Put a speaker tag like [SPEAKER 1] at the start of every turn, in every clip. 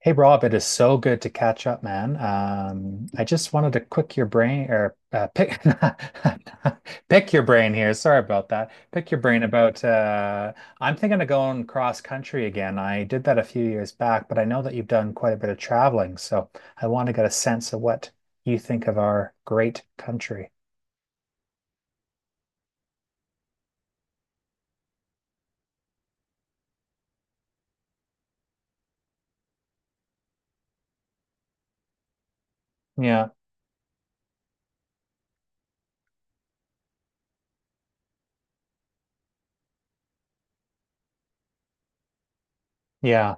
[SPEAKER 1] Hey Rob, it is so good to catch up, man. I just wanted to quick your brain or pick pick your brain here. Sorry about that. Pick your brain about I'm thinking of going cross country again. I did that a few years back, but I know that you've done quite a bit of traveling, so I want to get a sense of what you think of our great country. Yeah, yeah.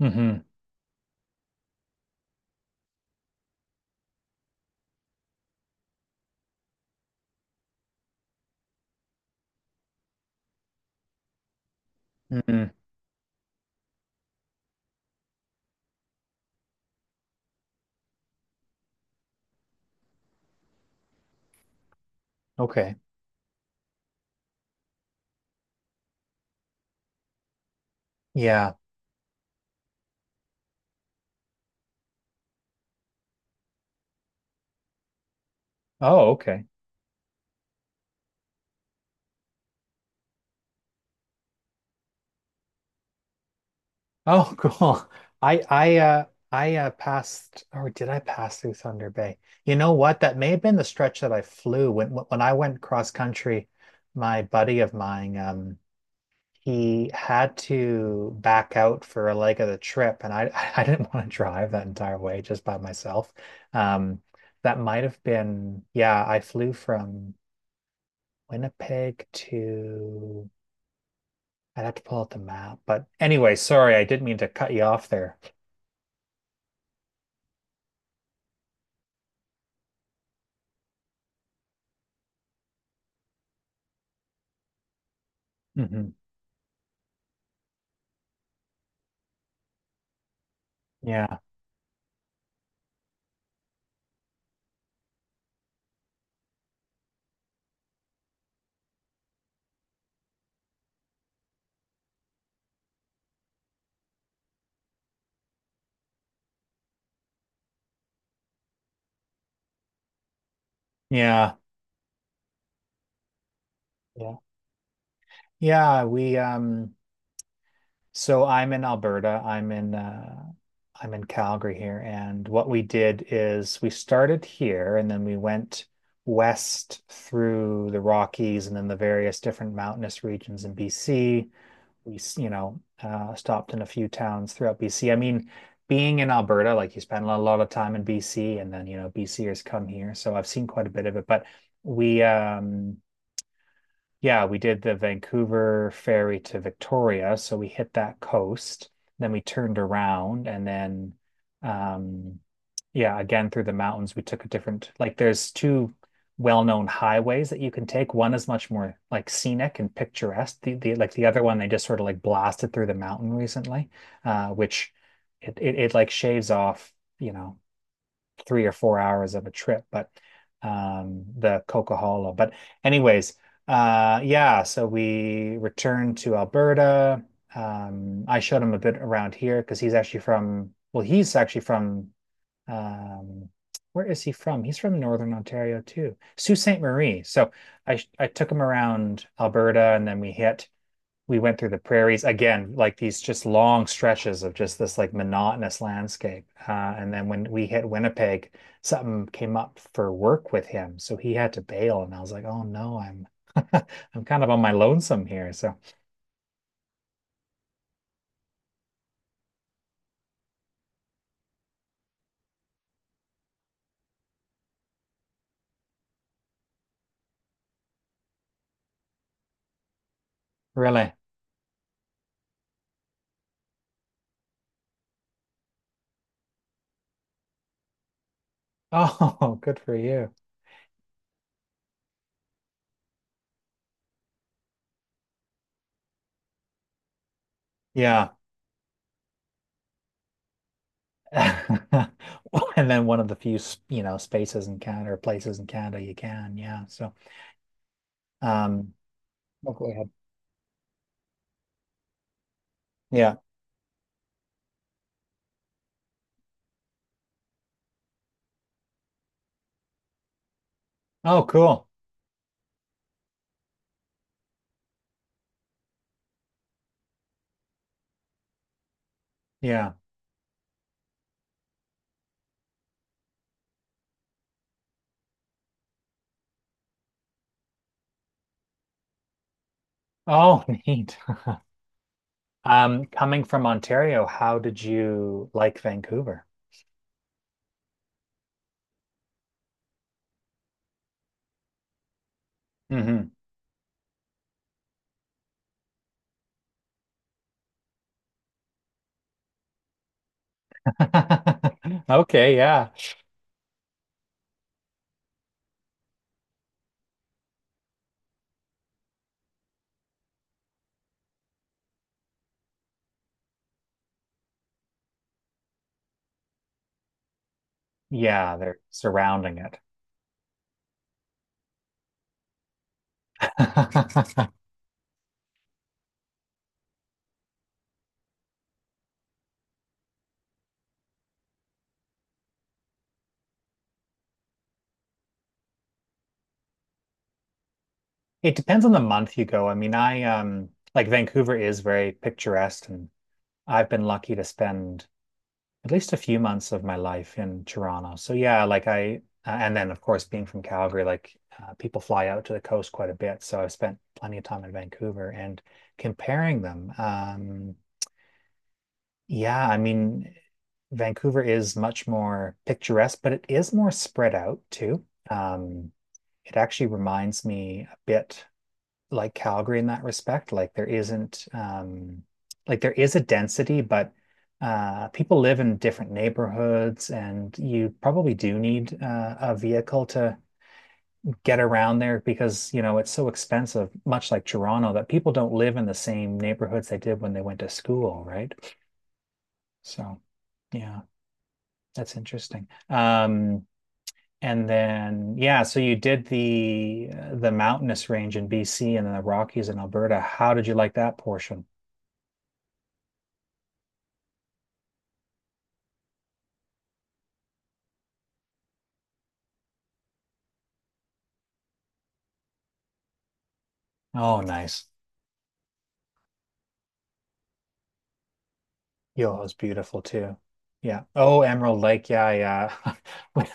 [SPEAKER 1] Hmm. Hmm. Okay. Yeah. Oh, okay. Oh, cool. I I uh I passed, or did I pass through Thunder Bay? You know what? That may have been the stretch that I flew when I went cross country. My buddy of mine, he had to back out for a leg of the trip, and I I didn't want to drive that entire way just by myself. Um, that might have been yeah. I flew from Winnipeg to I'd have to pull out the map, but anyway, sorry, I didn't mean to cut you off there. Mhm. Yeah, yeah, yeah, yeah. We so I'm in Alberta. I'm in Calgary here, and what we did is we started here, and then we went west through the Rockies, and then the various different mountainous regions in BC. We, s- you know, stopped in a few towns throughout BC. I mean, being in Alberta, like you spend a lot of time in BC, and then you know, BCers come here, so I've seen quite a bit of it, but we. Yeah, we did the Vancouver ferry to Victoria, so we hit that coast, then we turned around, and then um yeah, again through the mountains we took a different like there's two well-known highways that you can take. One is much more like scenic and picturesque. The the other one they just sort of like blasted through the mountain recently, which it like shaves off, you know, 3 or 4 hours of a trip, but the coca But anyways, yeah, so we returned to Alberta. I showed him a bit around here because he's actually from, well, he's actually from, um, where is he from? He's from Northern Ontario too, Sault Ste. Marie. So I took him around Alberta, and then we went through the prairies again, like these just long stretches of just this like monotonous landscape. And then when we hit Winnipeg, something came up for work with him, so he had to bail, and I was like, oh no, I'm I'm kind of on my lonesome here. So really, oh, good for you. Yeah. And then one of the few, you know, spaces in Canada or places in Canada you can. Yeah. So, um, oh, go ahead. Yeah. Oh, cool. Yeah. Oh, neat. Coming from Ontario, how did you like Vancouver? Hmm. Okay, yeah. Yeah, they're surrounding it. It depends on the month you go. I mean, I like Vancouver is very picturesque, and I've been lucky to spend at least a few months of my life in Toronto. So yeah, like I and then of course being from Calgary, people fly out to the coast quite a bit, so I've spent plenty of time in Vancouver and comparing them. Yeah, I mean, Vancouver is much more picturesque, but it is more spread out too. Um, it actually reminds me a bit like Calgary in that respect. Like there isn't, like there is a density, but people live in different neighborhoods, and you probably do need a vehicle to get around there because you know it's so expensive, much like Toronto, that people don't live in the same neighborhoods they did when they went to school, right? So, yeah. That's interesting. And then yeah, so you did the mountainous range in BC, and then the Rockies in Alberta. How did you like that portion? Oh, nice. Yo, it's beautiful too. Yeah. Oh, Emerald Lake. Yeah, yeah. When-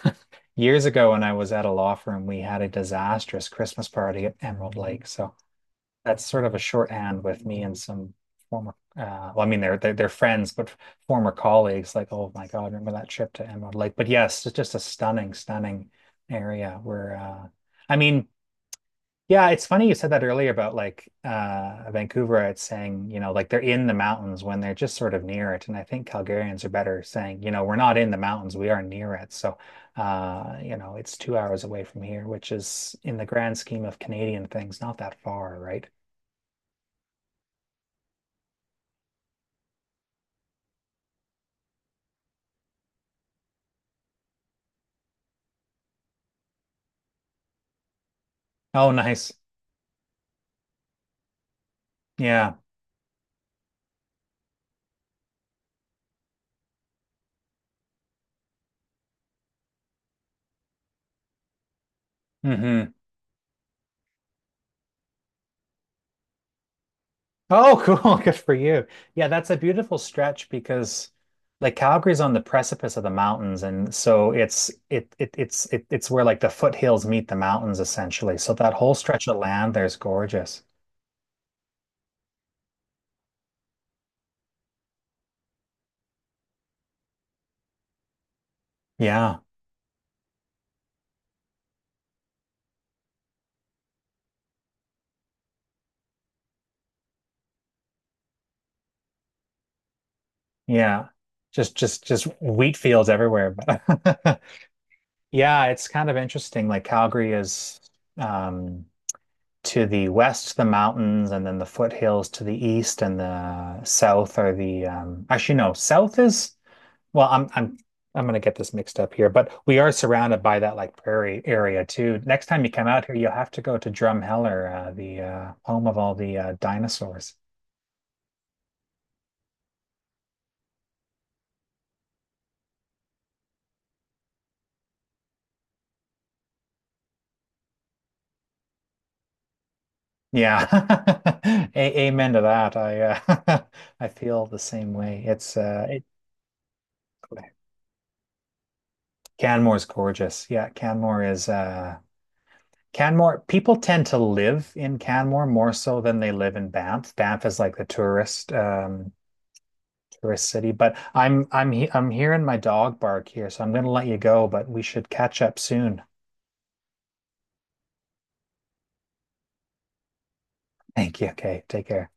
[SPEAKER 1] Years ago, when I was at a law firm, we had a disastrous Christmas party at Emerald Lake. So that's sort of a shorthand with me and some former well I mean they're they're friends, but former colleagues like oh my God remember that trip to Emerald Lake, but yes it's just a stunning stunning area where I mean yeah it's funny you said that earlier about Vancouver it's saying you know like they're in the mountains when they're just sort of near it, and I think Calgarians are better saying you know we're not in the mountains, we are near it. So you know, it's 2 hours away from here, which is in the grand scheme of Canadian things not that far, right. Oh, nice. Yeah. Hmm. Oh, cool. Good for you. Yeah, that's a beautiful stretch because like Calgary's on the precipice of the mountains, and so it's it it, it's where like the foothills meet the mountains essentially. So that whole stretch of land there's gorgeous. Yeah. Yeah. Just wheat fields everywhere. But yeah, it's kind of interesting. Calgary is um to the west, the mountains, and then the foothills to the east, and the south are the actually no, south is well, I'm gonna get this mixed up here, but we are surrounded by that like prairie area too. Next time you come out here, you'll have to go to Drumheller, the home of all the dinosaurs. Yeah, a amen to that. I I feel the same way. Canmore's gorgeous. Canmore, people tend to live in Canmore more so than they live in Banff. Banff is like the tourist city, but I'm hearing my dog bark here, so I'm going to let you go, but we should catch up soon. Thank you. Okay, take care.